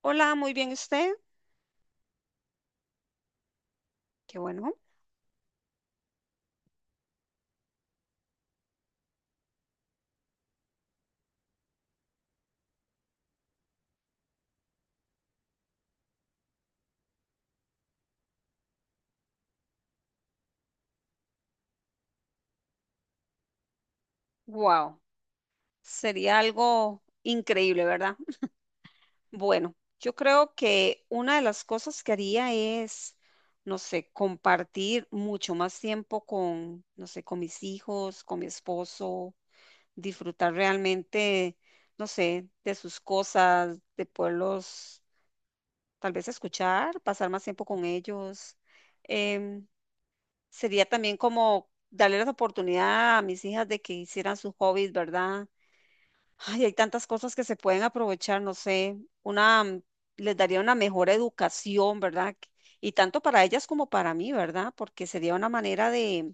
Hola, muy bien usted. Qué bueno. Wow, sería algo increíble, ¿verdad? Bueno, yo creo que una de las cosas que haría es, no sé, compartir mucho más tiempo con, no sé, con mis hijos, con mi esposo, disfrutar realmente, no sé, de sus cosas, de poderlos tal vez escuchar, pasar más tiempo con ellos. Em, Sería también como darle la oportunidad a mis hijas de que hicieran sus hobbies, ¿verdad? Ay, hay tantas cosas que se pueden aprovechar, no sé, una, les daría una mejor educación, ¿verdad? Y tanto para ellas como para mí, ¿verdad? Porque sería una manera de,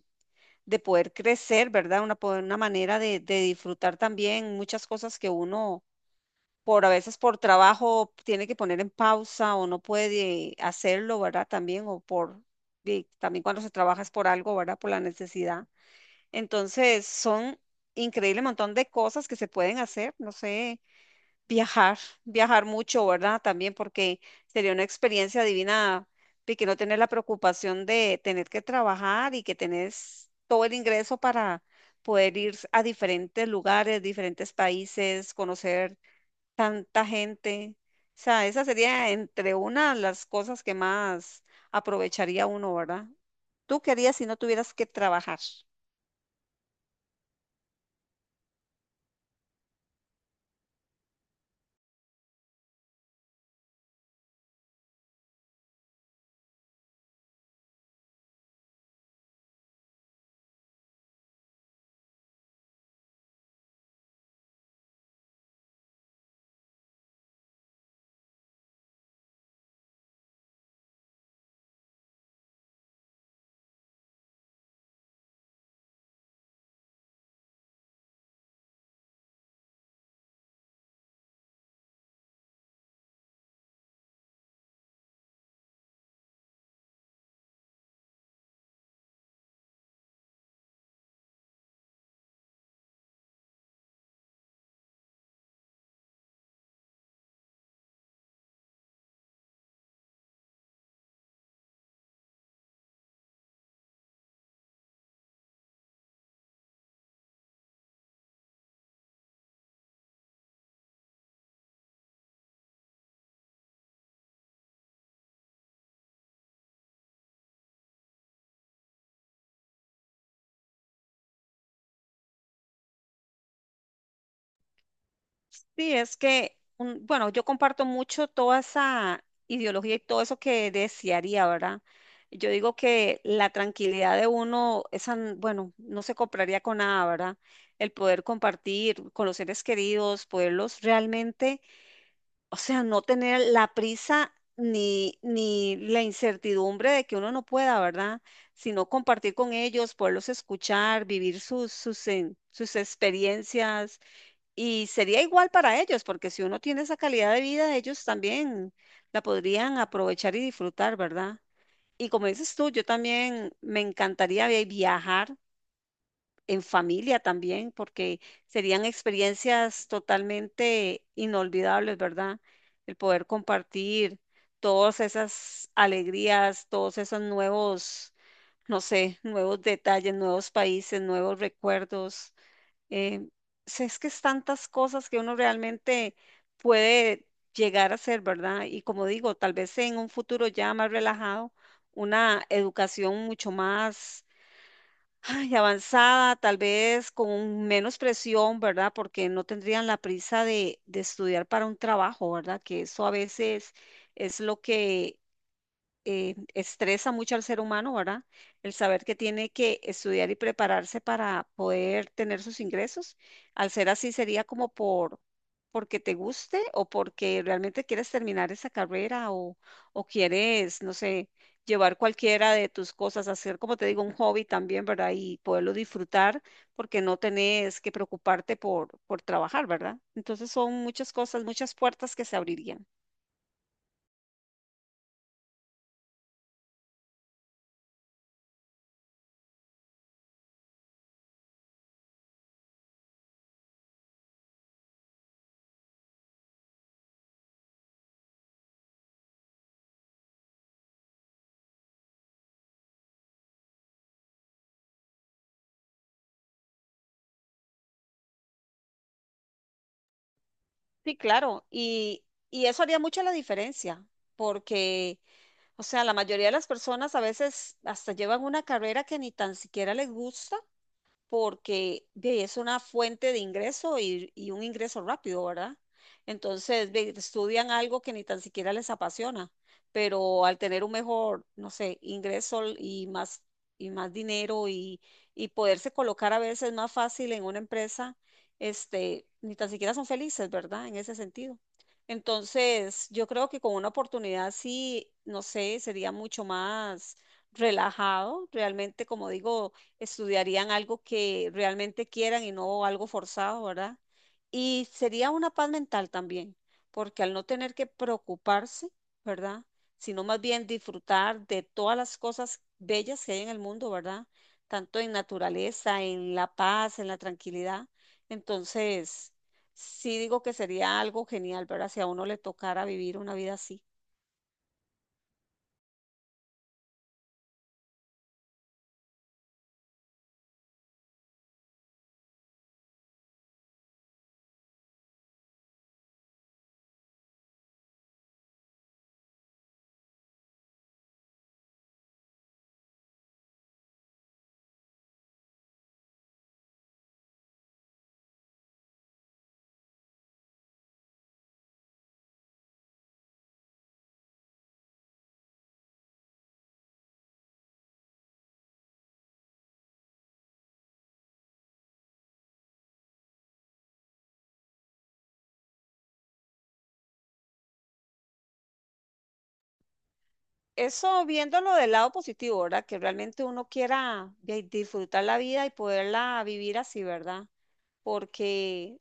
de poder crecer, ¿verdad? Una, una manera de disfrutar también muchas cosas que uno por a veces por trabajo tiene que poner en pausa o no puede hacerlo, ¿verdad? También, y también cuando se trabaja es por algo, ¿verdad? Por la necesidad. Entonces, son increíble montón de cosas que se pueden hacer, no sé, viajar, viajar mucho, ¿verdad? También porque sería una experiencia divina y que no tener la preocupación de tener que trabajar y que tenés todo el ingreso para poder ir a diferentes lugares, diferentes países, conocer tanta gente. O sea, esa sería entre una de las cosas que más aprovecharía uno, ¿verdad? ¿Tú querías si no tuvieras que trabajar? Sí, es que, bueno, yo comparto mucho toda esa ideología y todo eso que desearía, ¿verdad? Yo digo que la tranquilidad de uno, esa, bueno, no se compraría con nada, ¿verdad? El poder compartir con los seres queridos, poderlos realmente. O sea, no tener la prisa ni la incertidumbre de que uno no pueda, ¿verdad? Sino compartir con ellos, poderlos escuchar, vivir sus, sus experiencias. Y sería igual para ellos, porque si uno tiene esa calidad de vida, ellos también la podrían aprovechar y disfrutar, ¿verdad? Y como dices tú, yo también me encantaría viajar en familia también, porque serían experiencias totalmente inolvidables, ¿verdad? El poder compartir todas esas alegrías, todos esos nuevos, no sé, nuevos detalles, nuevos países, nuevos recuerdos. Eh, si es que es tantas cosas que uno realmente puede llegar a hacer, ¿verdad? Y como digo, tal vez en un futuro ya más relajado, una educación mucho más, ay, avanzada, tal vez con menos presión, ¿verdad? Porque no tendrían la prisa de estudiar para un trabajo, ¿verdad? Que eso a veces es lo que estresa mucho al ser humano, ¿verdad? El saber que tiene que estudiar y prepararse para poder tener sus ingresos. Al ser así, sería como porque te guste o porque realmente quieres terminar esa carrera o quieres, no sé, llevar cualquiera de tus cosas, hacer, como te digo, un hobby también, ¿verdad? Y poderlo disfrutar porque no tenés que preocuparte por trabajar, ¿verdad? Entonces son muchas cosas, muchas puertas que se abrirían. Sí, claro, y eso haría mucha la diferencia, porque, o sea, la mayoría de las personas a veces hasta llevan una carrera que ni tan siquiera les gusta porque ve, es una fuente de ingreso y un ingreso rápido, ¿verdad? Entonces, ve, estudian algo que ni tan siquiera les apasiona, pero al tener un mejor, no sé, ingreso y más dinero y poderse colocar a veces más fácil en una empresa, este, ni tan siquiera son felices, ¿verdad? En ese sentido. Entonces, yo creo que con una oportunidad sí, no sé, sería mucho más relajado, realmente, como digo, estudiarían algo que realmente quieran y no algo forzado, ¿verdad? Y sería una paz mental también, porque al no tener que preocuparse, ¿verdad? Sino más bien disfrutar de todas las cosas bellas que hay en el mundo, ¿verdad? Tanto en naturaleza, en la paz, en la tranquilidad. Entonces, sí digo que sería algo genial, ¿verdad? Si a uno le tocara vivir una vida así. Eso viéndolo del lado positivo, ¿verdad? Que realmente uno quiera disfrutar la vida y poderla vivir así, ¿verdad? Porque, o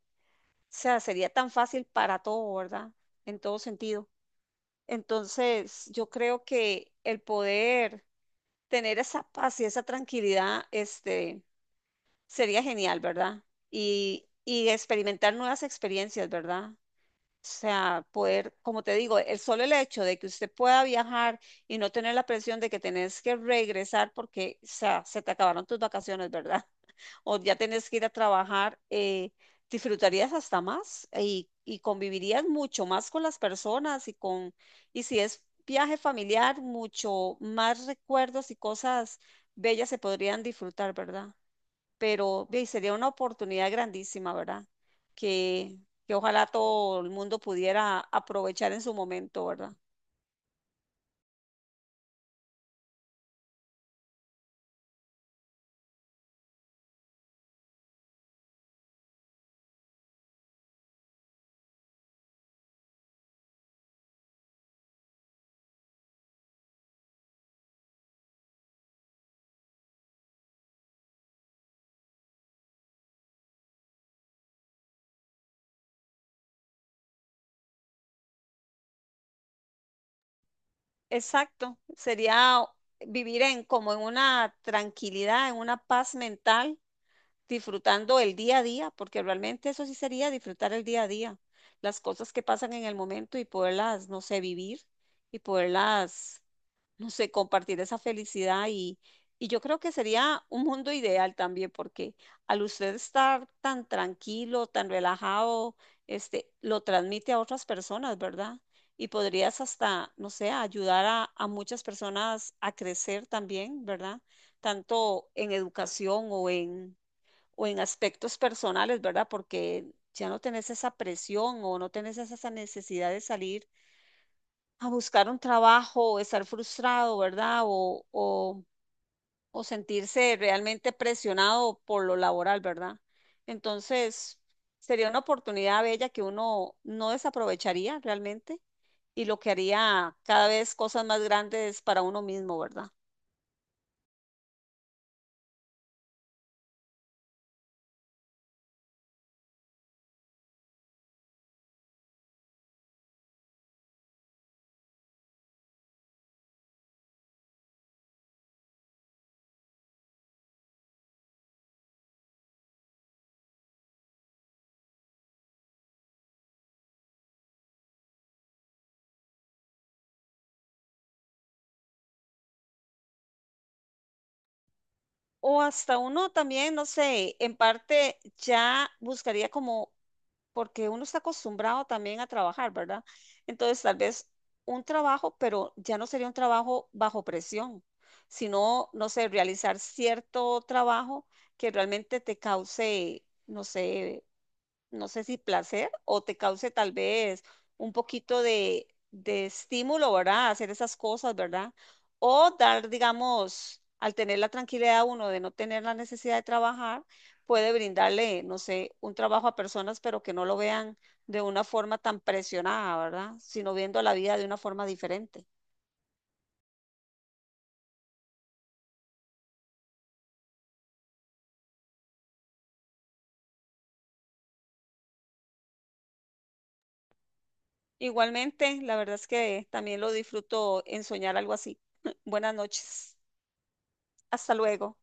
sea, sería tan fácil para todo, ¿verdad? En todo sentido. Entonces, yo creo que el poder tener esa paz y esa tranquilidad, este, sería genial, ¿verdad? Y experimentar nuevas experiencias, ¿verdad? O sea, poder, como te digo, el solo el hecho de que usted pueda viajar y no tener la presión de que tenés que regresar porque, o sea, se te acabaron tus vacaciones, ¿verdad? O ya tenés que ir a trabajar, disfrutarías hasta más y convivirías mucho más con las personas y con, y si es viaje familiar, mucho más recuerdos y cosas bellas se podrían disfrutar, ¿verdad? Pero ve, sería una oportunidad grandísima, ¿verdad? Que, que ojalá todo el mundo pudiera aprovechar en su momento, ¿verdad? Exacto, sería vivir en como en una tranquilidad, en una paz mental disfrutando el día a día, porque realmente eso sí sería disfrutar el día a día, las cosas que pasan en el momento y poderlas, no sé, vivir y poderlas, no sé, compartir esa felicidad y yo creo que sería un mundo ideal también, porque al usted estar tan tranquilo, tan relajado, este, lo transmite a otras personas, ¿verdad? Y podrías hasta, no sé, ayudar a muchas personas a crecer también, ¿verdad? Tanto en educación o en aspectos personales, ¿verdad? Porque ya no tenés esa presión o no tenés esa necesidad de salir a buscar un trabajo o estar frustrado, ¿verdad? O sentirse realmente presionado por lo laboral, ¿verdad? Entonces, sería una oportunidad bella que uno no desaprovecharía realmente y lo que haría cada vez cosas más grandes para uno mismo, ¿verdad? O hasta uno también, no sé, en parte ya buscaría como porque uno está acostumbrado también a trabajar, ¿verdad? Entonces, tal vez un trabajo, pero ya no sería un trabajo bajo presión, sino, no sé, realizar cierto trabajo que realmente te cause, no sé, no sé si placer o te cause tal vez un poquito de estímulo, ¿verdad? Hacer esas cosas, ¿verdad? O dar, digamos, al tener la tranquilidad uno de no tener la necesidad de trabajar, puede brindarle, no sé, un trabajo a personas, pero que no lo vean de una forma tan presionada, ¿verdad? Sino viendo la vida de una forma diferente. Igualmente, la verdad es que también lo disfruto en soñar algo así. Buenas noches. Hasta luego.